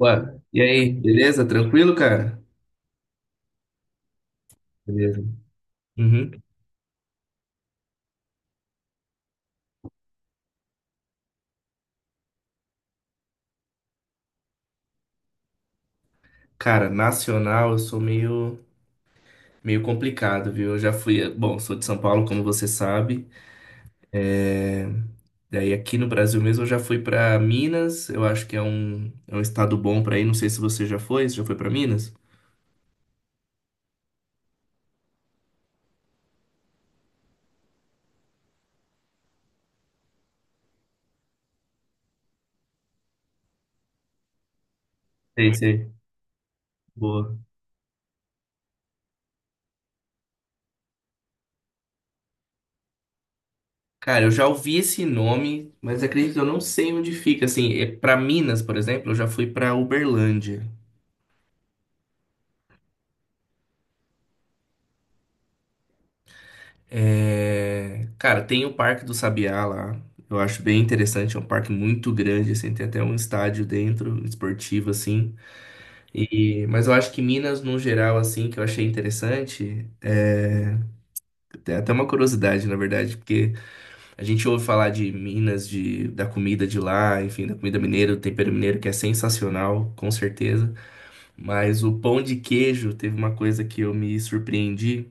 Ué, e aí, beleza? Tranquilo, cara? Beleza. Uhum. Cara, nacional eu sou meio complicado, viu? Eu já fui, bom, sou de São Paulo, como você sabe. Daí aqui no Brasil mesmo eu já fui pra Minas, eu acho que é um estado bom pra ir. Não sei se você já foi, você já foi pra Minas? Sei, sei. Boa. Cara, eu já ouvi esse nome, mas acredito que eu não sei onde fica. Assim, é para Minas, por exemplo, eu já fui pra Uberlândia. É, cara, tem o Parque do Sabiá lá. Eu acho bem interessante, é um parque muito grande, assim, tem até um estádio dentro, esportivo, assim. Mas eu acho que Minas, no geral, assim, que eu achei interessante, tem até uma curiosidade, na verdade, porque a gente ouve falar de Minas, da comida de lá, enfim, da comida mineira, do tempero mineiro, que é sensacional, com certeza. Mas o pão de queijo teve uma coisa que eu me surpreendi,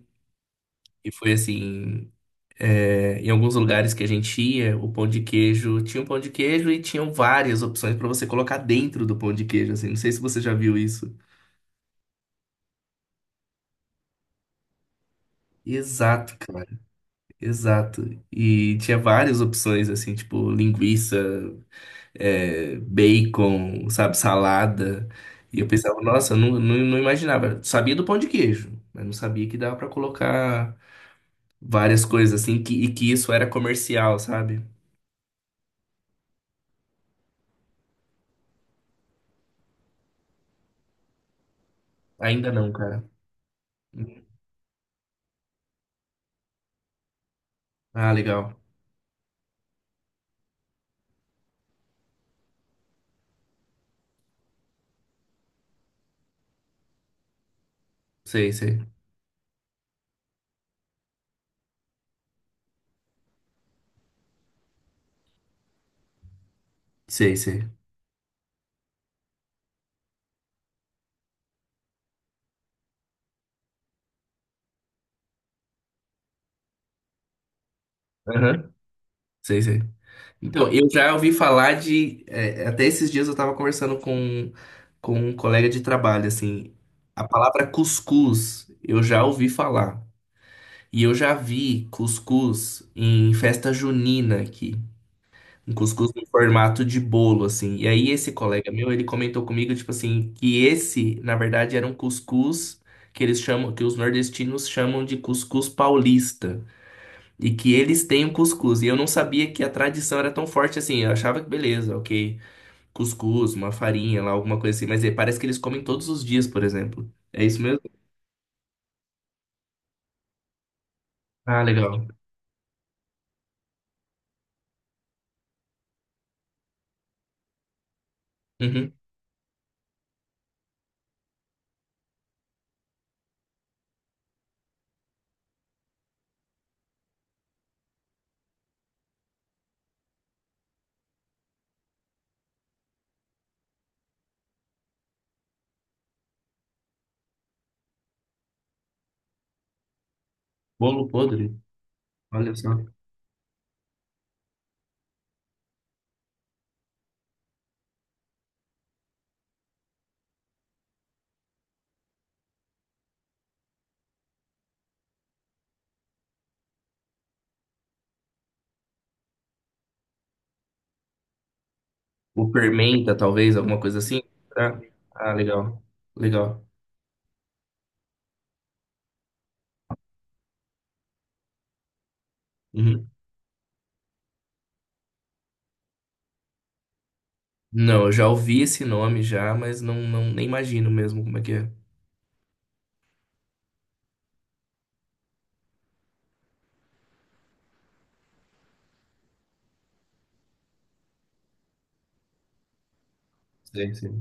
e foi assim. É, em alguns lugares que a gente ia, o pão de queijo tinha um pão de queijo e tinham várias opções pra você colocar dentro do pão de queijo, assim. Não sei se você já viu isso. Exato, cara, exato. E tinha várias opções, assim, tipo linguiça, é, bacon, sabe, salada. E eu pensava, nossa, eu não imaginava. Sabia do pão de queijo, mas não sabia que dava pra colocar várias coisas, assim, que, e que isso era comercial, sabe? Ainda não, cara. Ah, legal. Sei, sei. Sei, sei. Aham. Sei, sei. Então, eu já ouvi falar de. É, até esses dias eu tava conversando com um colega de trabalho, assim. A palavra cuscuz eu já ouvi falar. E eu já vi cuscuz em festa junina aqui. Um cuscuz em formato de bolo, assim. E aí esse colega meu, ele comentou comigo, tipo assim, que esse, na verdade, era um cuscuz que eles chamam, que os nordestinos chamam de cuscuz paulista. E que eles têm o cuscuz. E eu não sabia que a tradição era tão forte assim. Eu achava que beleza, ok. Cuscuz, uma farinha lá, alguma coisa assim. Mas é, parece que eles comem todos os dias, por exemplo. É isso mesmo? Ah, legal. Uhum. Bolo podre. Olha só. Ou fermenta, talvez, alguma coisa assim. Ah, ah, legal. Legal. Uhum. Não, eu já ouvi esse nome já, mas não nem imagino mesmo como é que é. Sei, sei.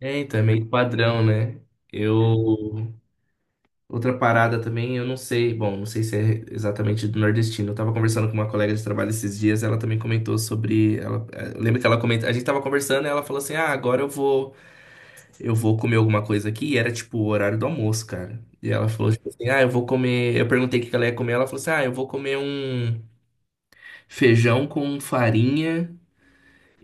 É, então, é meio padrão, né? Eu. Outra parada também, eu não sei, bom, não sei se é exatamente do nordestino. Eu tava conversando com uma colega de trabalho esses dias, ela também comentou sobre, ela, eu lembro que ela comentou, a gente tava conversando e ela falou assim: "Ah, agora eu vou comer alguma coisa aqui". E era tipo o horário do almoço, cara. E ela falou tipo assim: "Ah, eu vou comer". Eu perguntei o que que ela ia comer, ela falou assim: "Ah, eu vou comer um feijão com farinha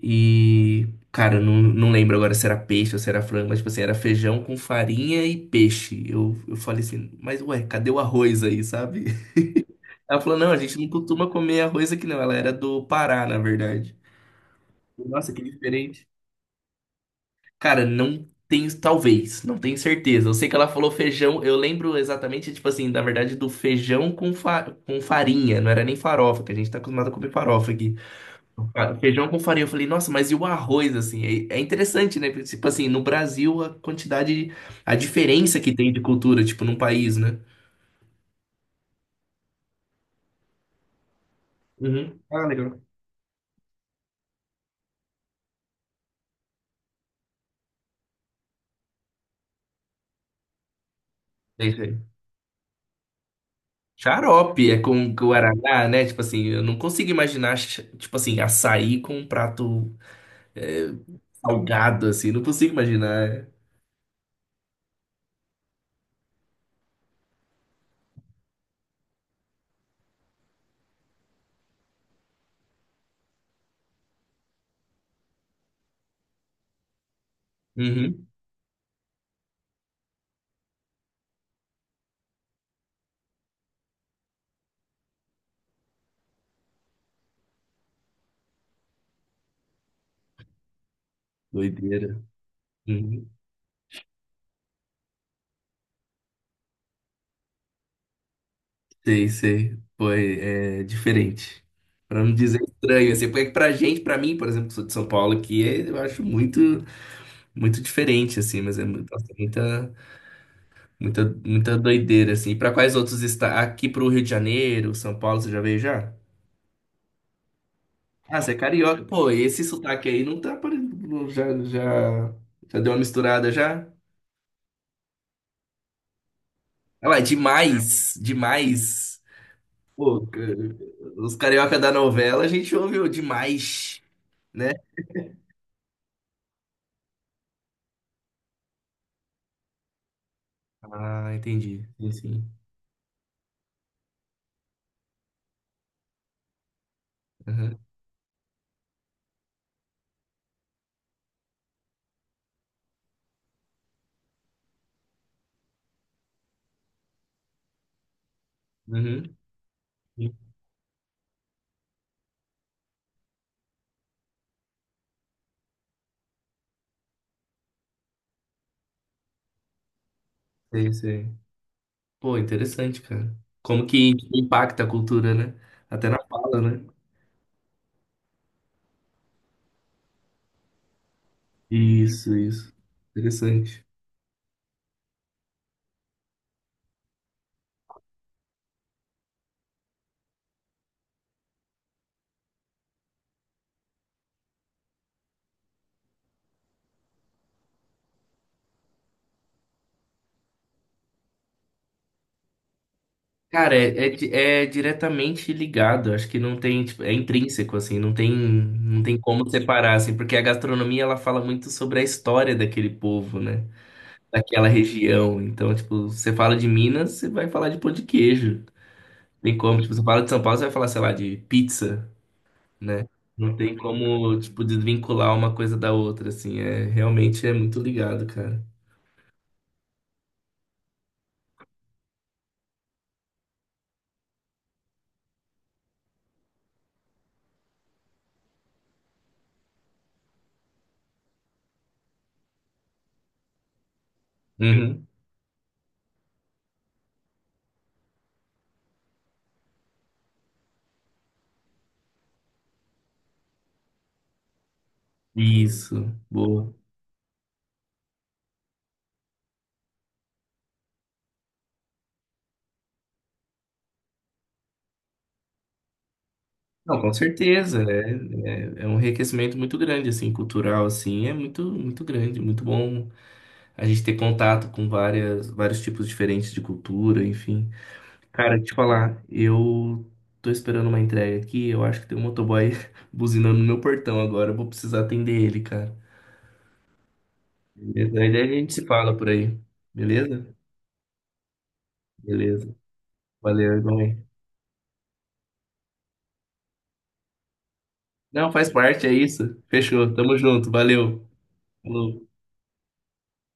e, cara, eu não lembro agora se era peixe ou se era frango, mas, tipo assim, era feijão com farinha e peixe. Eu falei assim, mas ué, cadê o arroz aí, sabe? Ela falou, não, a gente não costuma comer arroz aqui não. Ela era do Pará, na verdade. Nossa, que diferente. Cara, não tenho, talvez, não tenho certeza. Eu sei que ela falou feijão, eu lembro exatamente, tipo assim, na verdade, do feijão com, fa com farinha, não era nem farofa, que a gente tá acostumado a comer farofa aqui. Ah, feijão com farinha. Eu falei, nossa, mas e o arroz, assim? É, é interessante, né? Porque, tipo assim, no Brasil, a quantidade, a diferença que tem de cultura, tipo, num país, né? Uhum. Ah, legal. É isso aí. Xarope é com guaraná, né? Tipo assim, eu não consigo imaginar, tipo assim, açaí com um prato é, salgado, assim. Não consigo imaginar. Uhum. Doideira. Uhum. Sei, sei. Foi é diferente. Pra não dizer estranho, assim, porque pra gente, pra mim, por exemplo, que sou de São Paulo, aqui, eu acho muito, muito diferente, assim, mas nossa, muita doideira, assim. E pra quais outros está aqui pro Rio de Janeiro, São Paulo, você já veio já? Ah, você é carioca. Pô, esse sotaque aí não tá parecendo, já deu uma misturada já? Olha lá, demais, demais. Pô, os carioca da novela, a gente ouviu demais, né? Ah, entendi. Sim, sim. Aham. Uhum. Sim, sei, sei. Pô, interessante, cara. Como que impacta a cultura, né? Até na fala, né? Isso, isso. Interessante. Cara, é diretamente ligado. Acho que não tem, tipo, é intrínseco, assim, não tem como separar, assim, porque a gastronomia, ela fala muito sobre a história daquele povo, né? Daquela região. Então, tipo, você fala de Minas, você vai falar de pão de queijo. Tem como, tipo, você fala de São Paulo, você vai falar, sei lá, de pizza, né? Não tem como, tipo, desvincular uma coisa da outra, assim. É, realmente é muito ligado, cara. Uhum. Isso, boa. Não, com certeza, é um enriquecimento muito grande, assim, cultural, assim, é muito, muito grande, muito bom a gente ter contato com várias, vários tipos diferentes de cultura, enfim. Cara, te falar, eu tô esperando uma entrega aqui, eu acho que tem um motoboy buzinando no meu portão agora, eu vou precisar atender ele, cara. Beleza? Aí daí a gente se fala por aí, beleza? Beleza. Valeu, irmão. Não, faz parte, é isso. Fechou. Tamo junto. Valeu. Falou.